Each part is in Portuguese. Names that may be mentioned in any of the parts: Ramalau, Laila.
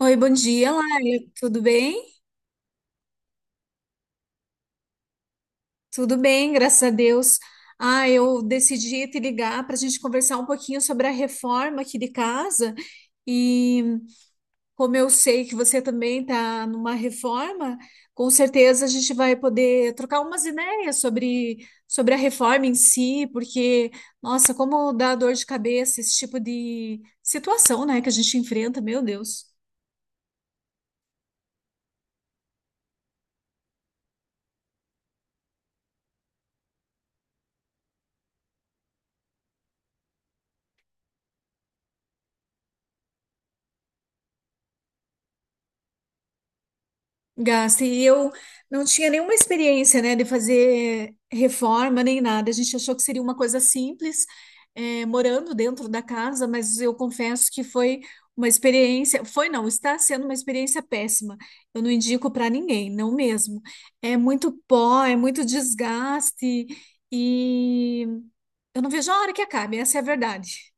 Oi, bom dia, Laila. Tudo bem? Tudo bem, graças a Deus. Ah, eu decidi te ligar para a gente conversar um pouquinho sobre a reforma aqui de casa. E como eu sei que você também está numa reforma, com certeza a gente vai poder trocar umas ideias sobre a reforma em si, porque, nossa, como dá dor de cabeça esse tipo de situação, né, que a gente enfrenta, meu Deus. Gasta. E eu não tinha nenhuma experiência, né, de fazer reforma nem nada. A gente achou que seria uma coisa simples, eh, morando dentro da casa, mas eu confesso que foi uma experiência. Foi não, está sendo uma experiência péssima. Eu não indico para ninguém, não mesmo. É muito pó, é muito desgaste e eu não vejo a hora que acabe, essa é a verdade.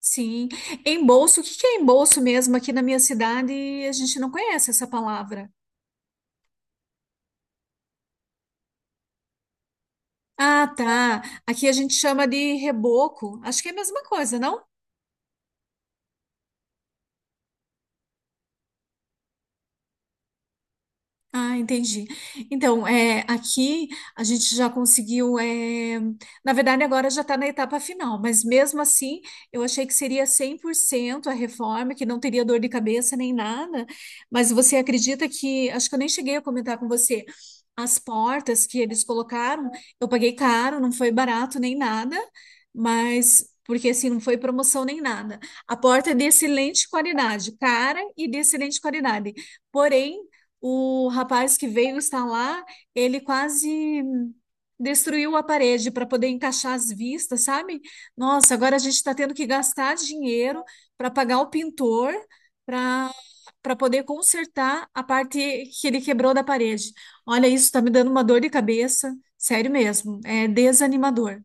Sim, embolso, o que que é embolso mesmo? Aqui na minha cidade a gente não conhece essa palavra. Ah, tá. Aqui a gente chama de reboco. Acho que é a mesma coisa, não? Ah, entendi. Então, é, aqui a gente já conseguiu. É, na verdade, agora já está na etapa final, mas mesmo assim, eu achei que seria 100% a reforma, que não teria dor de cabeça nem nada. Mas você acredita que. Acho que eu nem cheguei a comentar com você. As portas que eles colocaram, eu paguei caro, não foi barato nem nada, mas. Porque assim, não foi promoção nem nada. A porta é de excelente qualidade, cara e de excelente qualidade. Porém, o rapaz que veio instalar, ele quase destruiu a parede para poder encaixar as vistas, sabe? Nossa, agora a gente está tendo que gastar dinheiro para pagar o pintor para para poder consertar a parte que ele quebrou da parede. Olha, isso está me dando uma dor de cabeça, sério mesmo, é desanimador.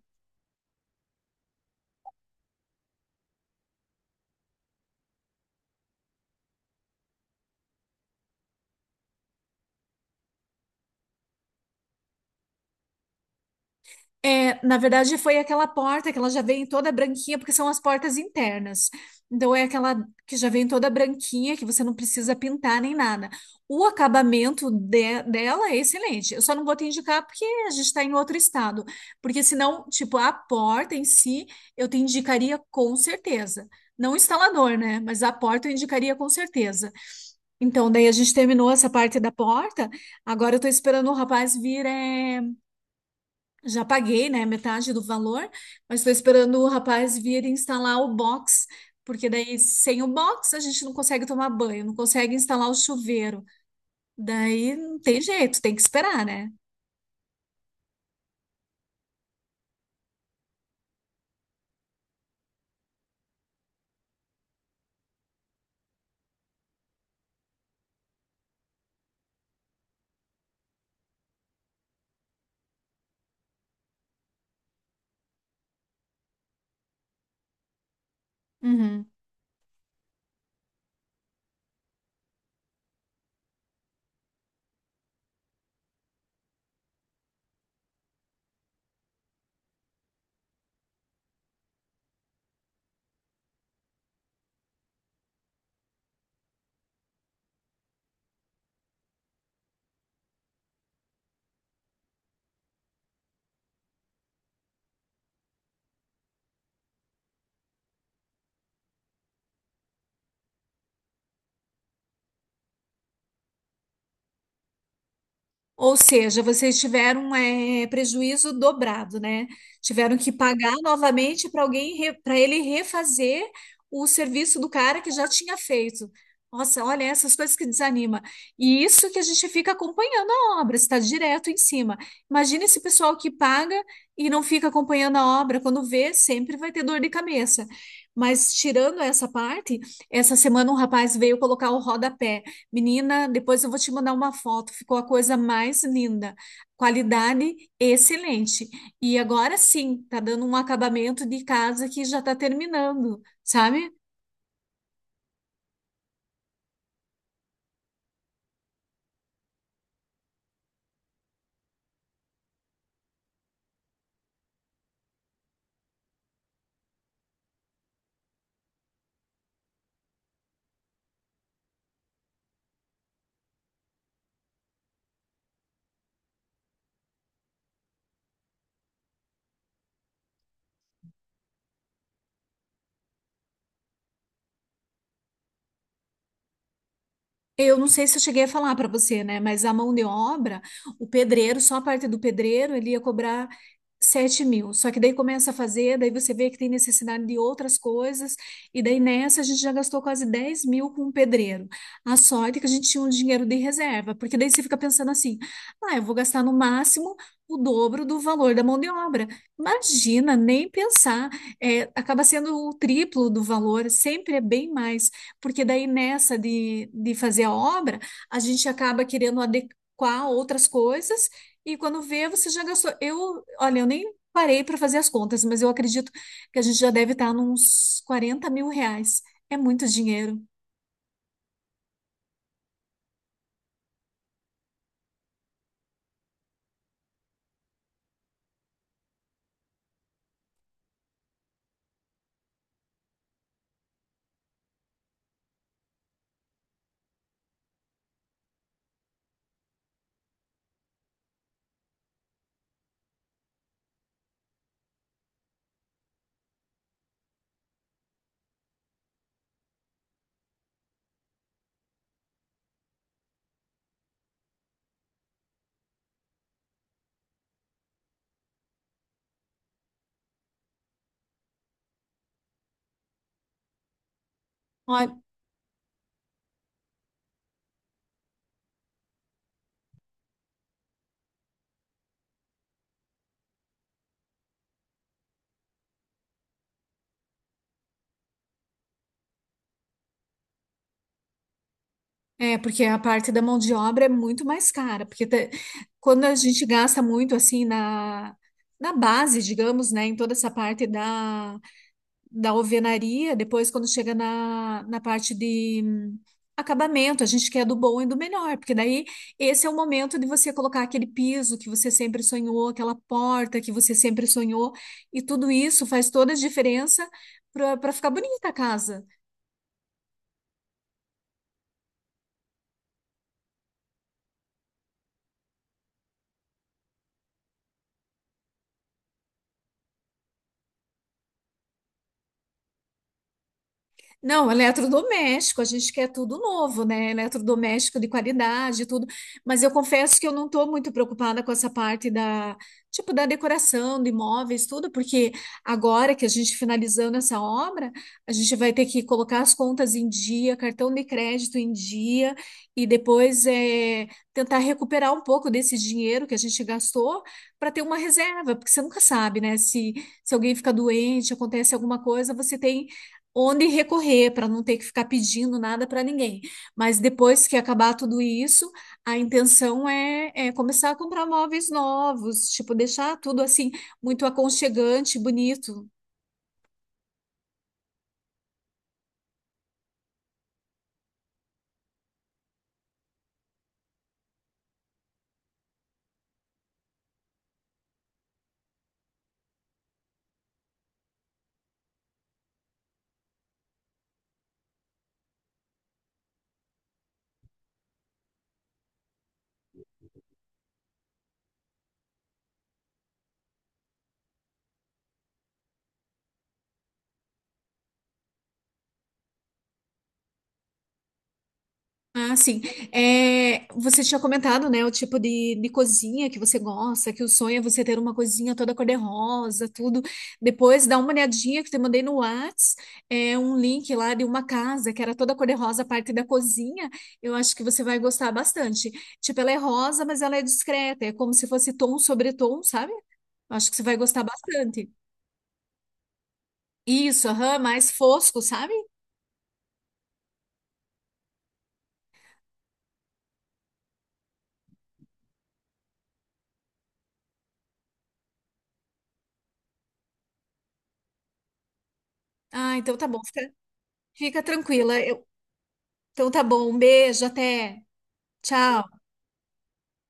É, na verdade, foi aquela porta que ela já vem toda branquinha, porque são as portas internas. Então, é aquela que já vem toda branquinha, que você não precisa pintar nem nada. O acabamento dela é excelente. Eu só não vou te indicar porque a gente está em outro estado. Porque senão, tipo, a porta em si, eu te indicaria com certeza. Não o instalador, né? Mas a porta eu indicaria com certeza. Então, daí a gente terminou essa parte da porta. Agora eu tô esperando o rapaz vir, é, já paguei, né, metade do valor, mas estou esperando o rapaz vir instalar o box, porque daí sem o box a gente não consegue tomar banho, não consegue instalar o chuveiro. Daí não tem jeito, tem que esperar, né? Uhum. Ou seja, vocês tiveram é, prejuízo dobrado, né? Tiveram que pagar novamente para alguém, para ele refazer o serviço do cara que já tinha feito. Nossa, olha essas coisas que desanima. E isso que a gente fica acompanhando a obra, está direto em cima. Imagina esse pessoal que paga e não fica acompanhando a obra, quando vê, sempre vai ter dor de cabeça. Mas tirando essa parte, essa semana um rapaz veio colocar o rodapé. Menina, depois eu vou te mandar uma foto, ficou a coisa mais linda. Qualidade excelente. E agora sim, tá dando um acabamento de casa que já tá terminando, sabe? Eu não sei se eu cheguei a falar para você, né? Mas a mão de obra, o pedreiro, só a parte do pedreiro, ele ia cobrar 7 mil. Só que daí começa a fazer, daí você vê que tem necessidade de outras coisas, e daí nessa a gente já gastou quase 10 mil com o pedreiro. A sorte é que a gente tinha um dinheiro de reserva, porque daí você fica pensando assim: ah, eu vou gastar no máximo o dobro do valor da mão de obra. Imagina, nem pensar. É, acaba sendo o triplo do valor, sempre é bem mais porque daí nessa de fazer a obra, a gente acaba querendo adequar outras coisas, e quando vê, você já gastou. Eu, olha, eu nem parei para fazer as contas, mas eu acredito que a gente já deve estar nos 40 mil reais. É muito dinheiro. Olha, é, porque a parte da mão de obra é muito mais cara, porque quando a gente gasta muito assim na. Na base, digamos, né, em toda essa parte da alvenaria, depois quando chega na parte de acabamento, a gente quer do bom e do melhor, porque daí esse é o momento de você colocar aquele piso que você sempre sonhou, aquela porta que você sempre sonhou, e tudo isso faz toda a diferença para ficar bonita a casa. Não, eletrodoméstico, a gente quer tudo novo, né? Eletrodoméstico de qualidade, tudo. Mas eu confesso que eu não estou muito preocupada com essa parte da, tipo, da decoração, de imóveis, tudo, porque agora que a gente finalizando essa obra, a gente vai ter que colocar as contas em dia, cartão de crédito em dia, e depois é, tentar recuperar um pouco desse dinheiro que a gente gastou para ter uma reserva, porque você nunca sabe, né? Se alguém fica doente, acontece alguma coisa, você tem onde recorrer para não ter que ficar pedindo nada para ninguém. Mas depois que acabar tudo isso, a intenção é começar a comprar móveis novos, tipo, deixar tudo assim muito aconchegante, bonito. Ah, sim. É, você tinha comentado, né, o tipo de cozinha que você gosta, que o sonho é você ter uma cozinha toda cor-de-rosa, tudo. Depois dá uma olhadinha que eu te mandei no Whats, é um link lá de uma casa que era toda cor-de-rosa, a parte da cozinha. Eu acho que você vai gostar bastante. Tipo, ela é rosa, mas ela é discreta, é como se fosse tom sobre tom, sabe? Eu acho que você vai gostar bastante. Isso, aham, mais fosco, sabe? Ah, então tá bom, fica, fica tranquila. Eu- então tá bom, um beijo, até. Tchau.